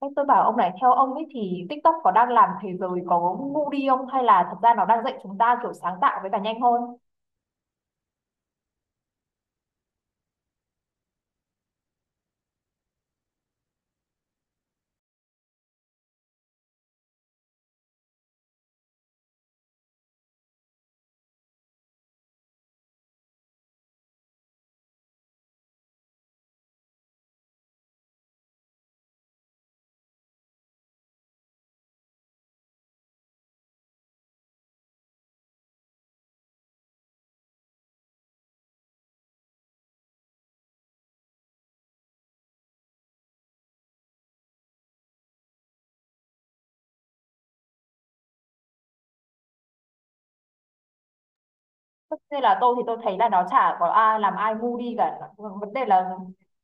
Em tôi bảo ông này theo ông ấy thì TikTok có đang làm thế giới có ngu đi không hay là thật ra nó đang dạy chúng ta kiểu sáng tạo với cả nhanh hơn? Tất nhiên là tôi thấy là nó chả có ai làm ai ngu đi cả. Vấn đề là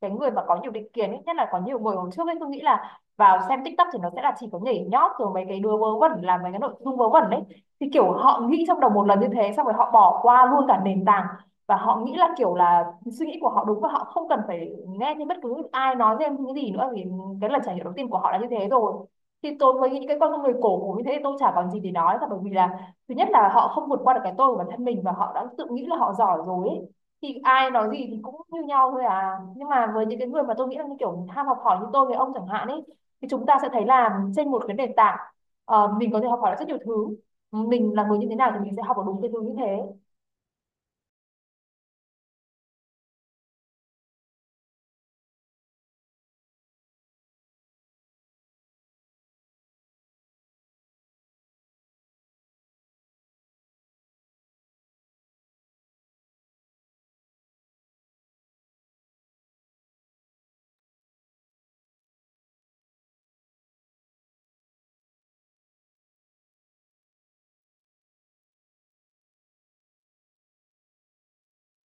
cái người mà có nhiều định kiến ấy, nhất là có nhiều người hồi trước ấy, tôi nghĩ là vào xem TikTok thì nó sẽ là chỉ có nhảy nhót rồi mấy cái đứa vớ vẩn làm mấy cái nội dung vớ vẩn đấy, thì kiểu họ nghĩ trong đầu một lần như thế xong rồi họ bỏ qua luôn cả nền tảng. Và họ nghĩ là kiểu là suy nghĩ của họ đúng và họ không cần phải nghe thêm bất cứ ai nói thêm những gì nữa, vì cái lần trải nghiệm đầu tiên của họ là như thế rồi. Thì tôi mới nghĩ cái con người cổ hủ như thế thì tôi chả còn gì để nói cả, bởi vì là thứ nhất là họ không vượt qua được cái tôi của bản thân mình và họ đã tự nghĩ là họ giỏi rồi ấy. Thì ai nói gì thì cũng như nhau thôi à, nhưng mà với những cái người mà tôi nghĩ là như kiểu ham học hỏi như tôi với ông chẳng hạn ấy, thì chúng ta sẽ thấy là trên một cái nền tảng, mình có thể học hỏi được rất nhiều thứ. Mình là người như thế nào thì mình sẽ học được đúng cái thứ như thế.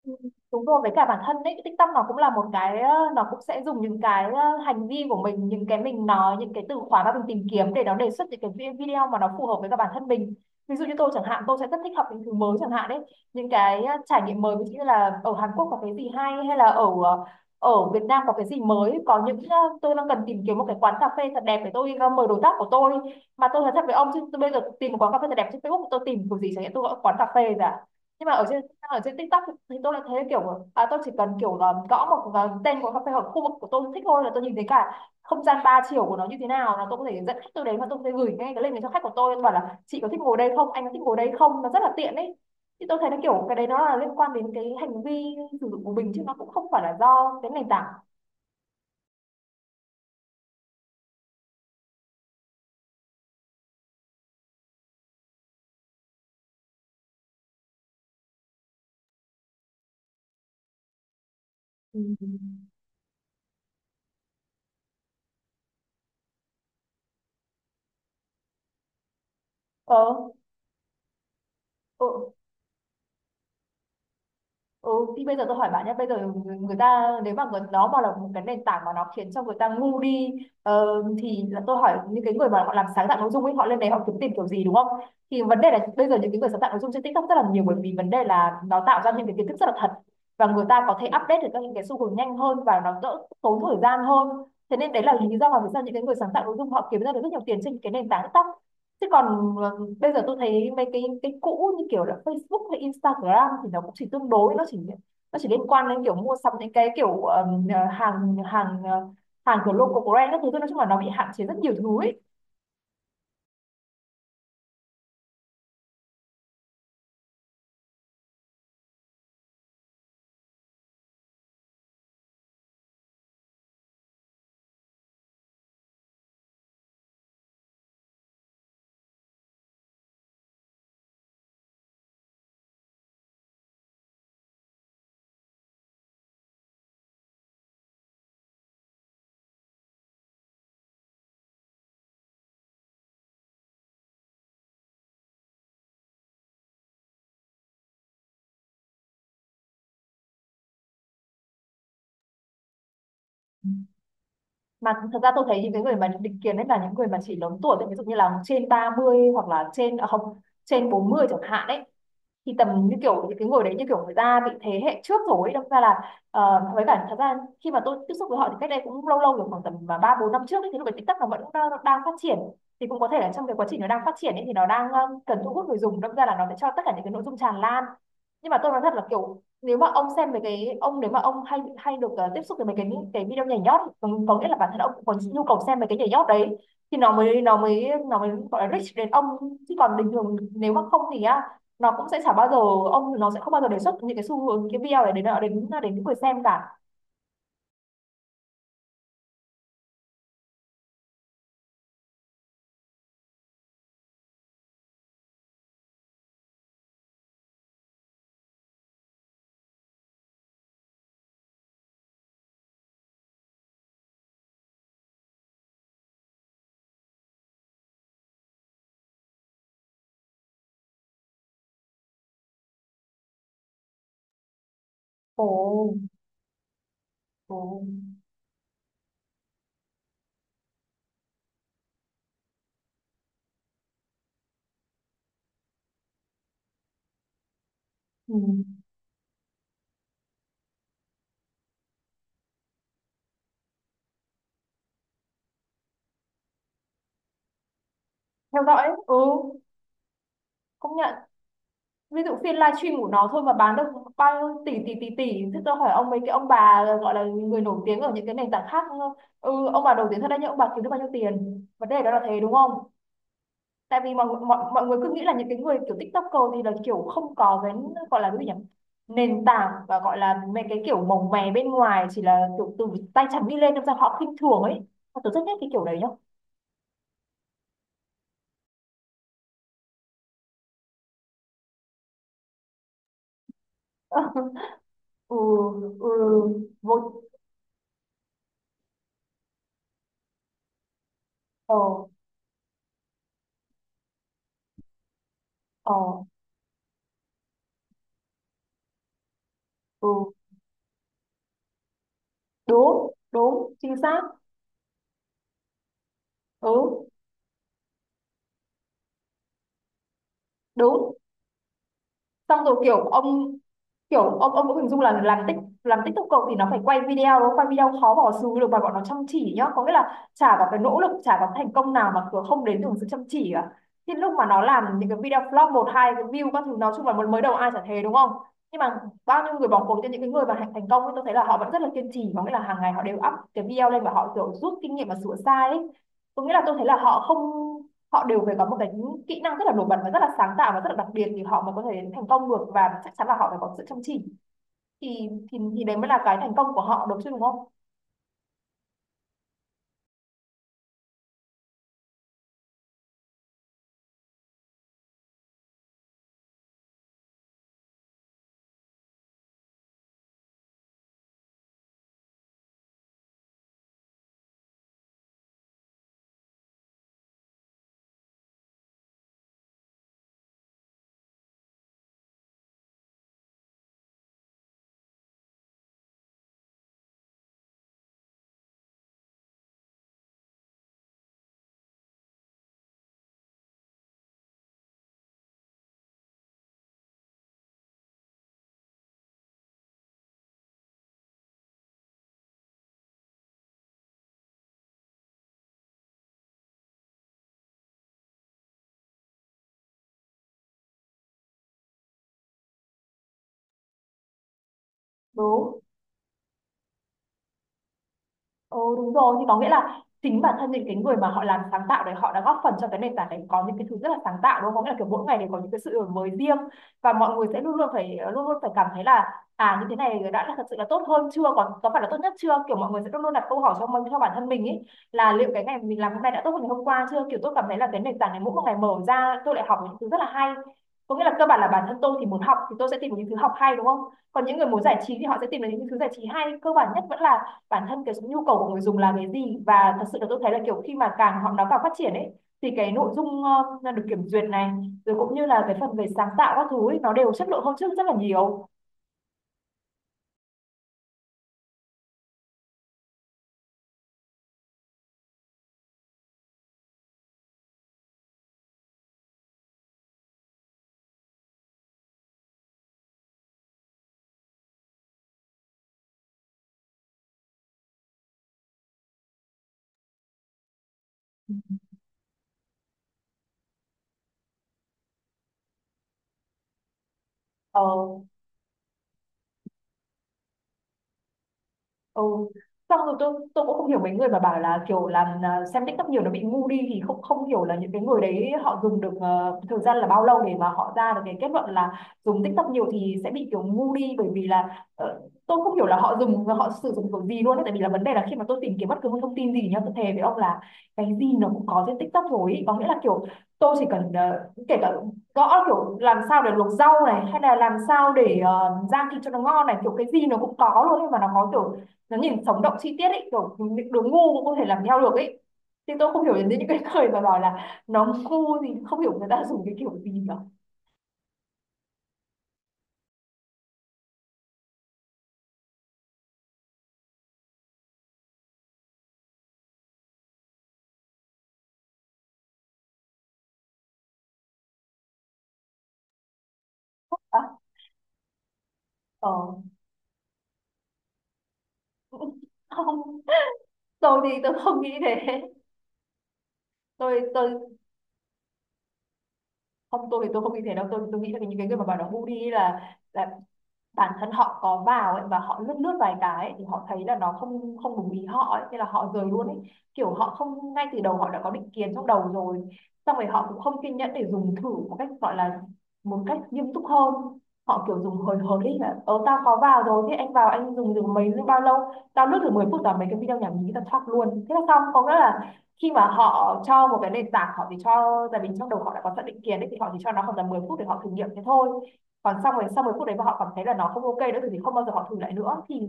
Ừ. Đúng rồi, với cả bản thân đấy tích tâm nó cũng là một cái, nó cũng sẽ dùng những cái hành vi của mình, những cái mình nói, những cái từ khóa mà mình tìm kiếm để nó đề xuất những cái video mà nó phù hợp với cả bản thân mình. Ví dụ như tôi chẳng hạn, tôi sẽ rất thích học những thứ mới chẳng hạn đấy, những cái trải nghiệm mới, ví dụ như là ở Hàn Quốc có cái gì hay, hay là ở ở Việt Nam có cái gì mới, có những tôi đang cần tìm kiếm một cái quán cà phê thật đẹp để tôi mời đối tác của tôi. Mà tôi nói thật với ông chứ, tôi bây giờ tìm một quán cà phê thật đẹp trên Facebook, tôi tìm kiểu gì chẳng hạn, tôi gọi quán cà phê rồi, nhưng mà ở trên, ở trên TikTok thì tôi lại thấy kiểu à, tôi chỉ cần kiểu là gõ một cái tên của cà phê hoặc khu vực của tôi thích thôi là tôi nhìn thấy cả không gian ba chiều của nó như thế nào, là tôi có thể dẫn khách tôi đến và tôi có thể gửi ngay cái link này cho khách của tôi bảo là chị có thích ngồi đây không, anh có thích ngồi đây không, nó rất là tiện ấy. Thì tôi thấy nó kiểu cái đấy nó là liên quan đến cái hành vi sử dụng của mình chứ nó cũng không phải là do cái nền tảng. Ừ. ờ ừ. Ừ, thì bây giờ tôi hỏi bạn nhé, bây giờ người người ta, nếu mà người, nó mà là một cái nền tảng mà nó khiến cho người ta ngu đi, ờ, thì là tôi hỏi những cái người mà họ làm sáng tạo nội dung ấy, họ lên đấy họ kiếm tìm kiểu gì đúng không? Thì vấn đề là bây giờ những cái người sáng tạo nội dung trên TikTok rất là nhiều, bởi vì vấn đề là nó tạo ra những cái kiến thức rất là thật, và người ta có thể update được các những cái xu hướng nhanh hơn và nó đỡ tốn thời gian hơn. Thế nên đấy là lý do mà vì sao những cái người sáng tạo nội dung họ kiếm ra được rất nhiều tiền trên cái nền tảng TikTok. Thế còn bây giờ tôi thấy mấy cái cũ như kiểu là Facebook hay Instagram thì nó cũng chỉ tương đối, nó chỉ liên quan đến kiểu mua sắm những cái kiểu hàng hàng ờ, hàng kiểu local brand các thứ thôi, nói chung là nó bị hạn chế rất nhiều thứ ấy. Mà thật ra tôi thấy những cái người mà định kiến đấy là những người mà chỉ lớn tuổi thôi, ví dụ như là trên 30, hoặc là trên, à không, trên 40 chẳng hạn đấy. Thì tầm như kiểu những cái người đấy như kiểu người ta bị thế hệ trước rồi ấy, đâm ra là với cả thật ra khi mà tôi tiếp xúc với họ thì cách đây cũng lâu lâu rồi, khoảng tầm mà ba bốn năm trước ấy, thì lúc đấy TikTok nó vẫn đang phát triển. Thì cũng có thể là trong cái quá trình nó đang phát triển ấy, thì nó đang cần thu hút người dùng, đâm ra là nó sẽ cho tất cả những cái nội dung tràn lan. Nhưng mà tôi nói thật là kiểu, nếu mà ông xem về cái ông, nếu mà ông hay hay được tiếp xúc với mấy cái video nhảy nhót, có nghĩa là bản thân ông cũng có nhu cầu xem về cái nhảy nhót đấy, thì nó mới gọi là reach đến ông. Chứ còn bình thường nếu mà không thì á, nó cũng sẽ chả bao giờ, ông nó sẽ không bao giờ đề xuất những cái xu hướng cái video này đến đến đến những người xem cả. Ồ. Ồ. Ừ. Theo dõi. Ừ, công nhận. Ví dụ phiên livestream của nó thôi mà bán được bao nhiêu tỷ tỷ tỷ tỷ thế. Tôi hỏi ông, mấy cái ông bà gọi là người nổi tiếng ở những cái nền tảng khác, ừ, ông bà nổi tiếng thật đấy, nhưng ông bà kiếm được bao nhiêu tiền? Vấn đề đó là thế, đúng không? Tại vì mọi người cứ nghĩ là những cái người kiểu TikToker thì là kiểu không có cái gọi là cái gì nhỉ, nền tảng, và gọi là mấy cái kiểu mồng mè bên ngoài, chỉ là kiểu từ tay trắng đi lên, đâm ra họ khinh thường ấy. Mà tôi rất ghét cái kiểu đấy nhá. Ừ. Ừ. Vô. Ờ. Ờ. Ừ. Đúng đúng, chính xác. Ừ, đúng. Xong rồi kiểu ông, kiểu ông cũng hình dung là làm tích, làm TikToker thì nó phải quay video đúng không? Quay video khó bỏ xứ được, mà bọn nó chăm chỉ nhá, có nghĩa là chả có cái nỗ lực, chả có thành công nào mà cứ không đến từ sự chăm chỉ cả. Thì lúc mà nó làm những cái video flop một hai cái view các thứ, nói chung là mới mới đầu ai chả thế đúng không? Nhưng mà bao nhiêu người bỏ cuộc cho những cái người mà thành thành công ấy, tôi thấy là họ vẫn rất là kiên trì, có nghĩa là hàng ngày họ đều up cái video lên và họ kiểu rút kinh nghiệm và sửa sai ấy. Có nghĩa là tôi thấy là họ không, họ đều phải có một cái kỹ năng rất là nổi bật và rất là sáng tạo và rất là đặc biệt thì họ mới có thể đến thành công được, và chắc chắn là họ phải có sự chăm chỉ. Thì đấy mới là cái thành công của họ, đúng chứ, đúng không? Đúng. Ừ, đúng rồi, thì có nghĩa là chính bản thân những cái người mà họ làm sáng tạo đấy họ đã góp phần cho cái nền tảng đấy có những cái thứ rất là sáng tạo đúng không? Có nghĩa là kiểu mỗi ngày đều có những cái sự đổi mới riêng và mọi người sẽ luôn luôn phải cảm thấy là à như thế này đã là thật sự là tốt hơn chưa, còn có phải là tốt nhất chưa, kiểu mọi người sẽ luôn luôn đặt câu hỏi cho mình, cho bản thân mình ấy, là liệu cái ngày mình làm hôm nay đã tốt hơn ngày hôm qua chưa. Kiểu tôi cảm thấy là cái nền tảng này mỗi một ngày mở ra tôi lại học những thứ rất là hay. Có nghĩa là cơ bản là bản thân tôi thì muốn học thì tôi sẽ tìm những thứ học hay, đúng không, còn những người muốn giải trí thì họ sẽ tìm đến những thứ giải trí hay. Cơ bản nhất vẫn là bản thân cái nhu cầu của người dùng là cái gì, và thật sự là tôi thấy là kiểu khi mà càng họ nó càng phát triển ấy, thì cái nội dung được kiểm duyệt này, rồi cũng như là cái phần về sáng tạo các thứ ấy, nó đều chất lượng hơn trước rất là nhiều. ờ, Ừ. Xong rồi tôi cũng không hiểu mấy người mà bảo là kiểu xem TikTok nhiều nó bị ngu đi, thì không không hiểu là những cái người đấy họ dùng được thời gian là bao lâu để mà họ ra được cái kết luận là dùng TikTok nhiều thì sẽ bị kiểu ngu đi. Bởi vì là tôi không hiểu là họ sử dụng kiểu gì luôn ấy. Tại vì là vấn đề là khi mà tôi tìm kiếm bất cứ một thông tin gì nhá, tôi thề với ông là cái gì nó cũng có trên TikTok rồi ý. Có nghĩa là kiểu tôi chỉ cần, kể cả gõ kiểu làm sao để luộc rau này, hay là làm sao để rang thịt cho nó ngon này, kiểu cái gì nó cũng có luôn, nhưng mà nó có kiểu nó nhìn sống động chi tiết ấy, kiểu những đứa ngu cũng có thể làm theo được ấy. Thì tôi không hiểu đến những cái người mà bảo là nó ngu thì không hiểu người ta dùng cái kiểu gì cả. à, ờ Không, tôi thì tôi không nghĩ thế. tôi tôi tôi thì tôi không nghĩ thế đâu. Tôi nghĩ là những cái người mà bảo nó ngu đi là bản thân họ có vào ấy, và họ lướt lướt vài cái ấy, thì họ thấy là nó không không đúng ý họ ấy, thế là họ rời luôn ấy. Kiểu họ không, ngay từ đầu họ đã có định kiến trong đầu rồi, xong rồi họ cũng không kiên nhẫn để dùng thử một cách gọi là một cách nghiêm túc hơn. Họ kiểu dùng hời hợt ấy, là ờ tao có vào rồi, thế anh vào anh dùng được mấy bao lâu, tao lướt thử 10 phút là mấy cái video nhảm nhí tao thoát luôn thế là xong. Có nghĩa là khi mà họ cho một cái nền tảng, họ chỉ cho, tại vì trong đầu họ đã có sẵn định kiến ấy, thì họ chỉ cho nó khoảng tầm 10 phút để họ thử nghiệm thế thôi. Còn xong rồi sau 10 phút đấy mà họ cảm thấy là nó không ok nữa thì không bao giờ họ thử lại nữa. Thì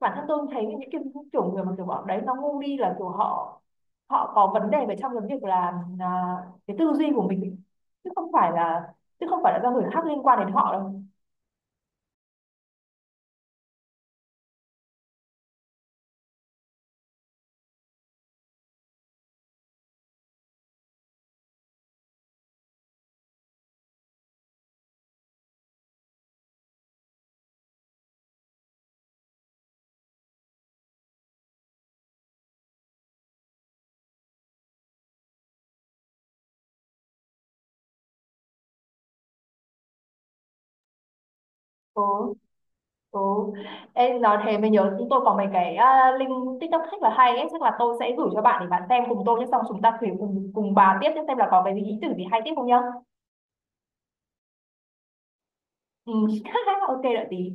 bản thân tôi thấy những cái kiểu người mà kiểu bọn đấy nó ngu đi là kiểu họ họ có vấn đề về trong cái việc là cái tư duy của mình, chứ không phải là chứ không phải là do người khác liên quan đến họ đâu. Ừ, ừ. Ê, nói thế mới nhớ, chúng tôi có mấy cái link TikTok rất là hay ấy. Chắc là tôi sẽ gửi cho bạn để bạn xem cùng tôi nhé, xong chúng ta thử cùng cùng bà tiếp nhé, xem là có cái ý tưởng gì hay tiếp không nhá. Ừ. Ok, đợi tí.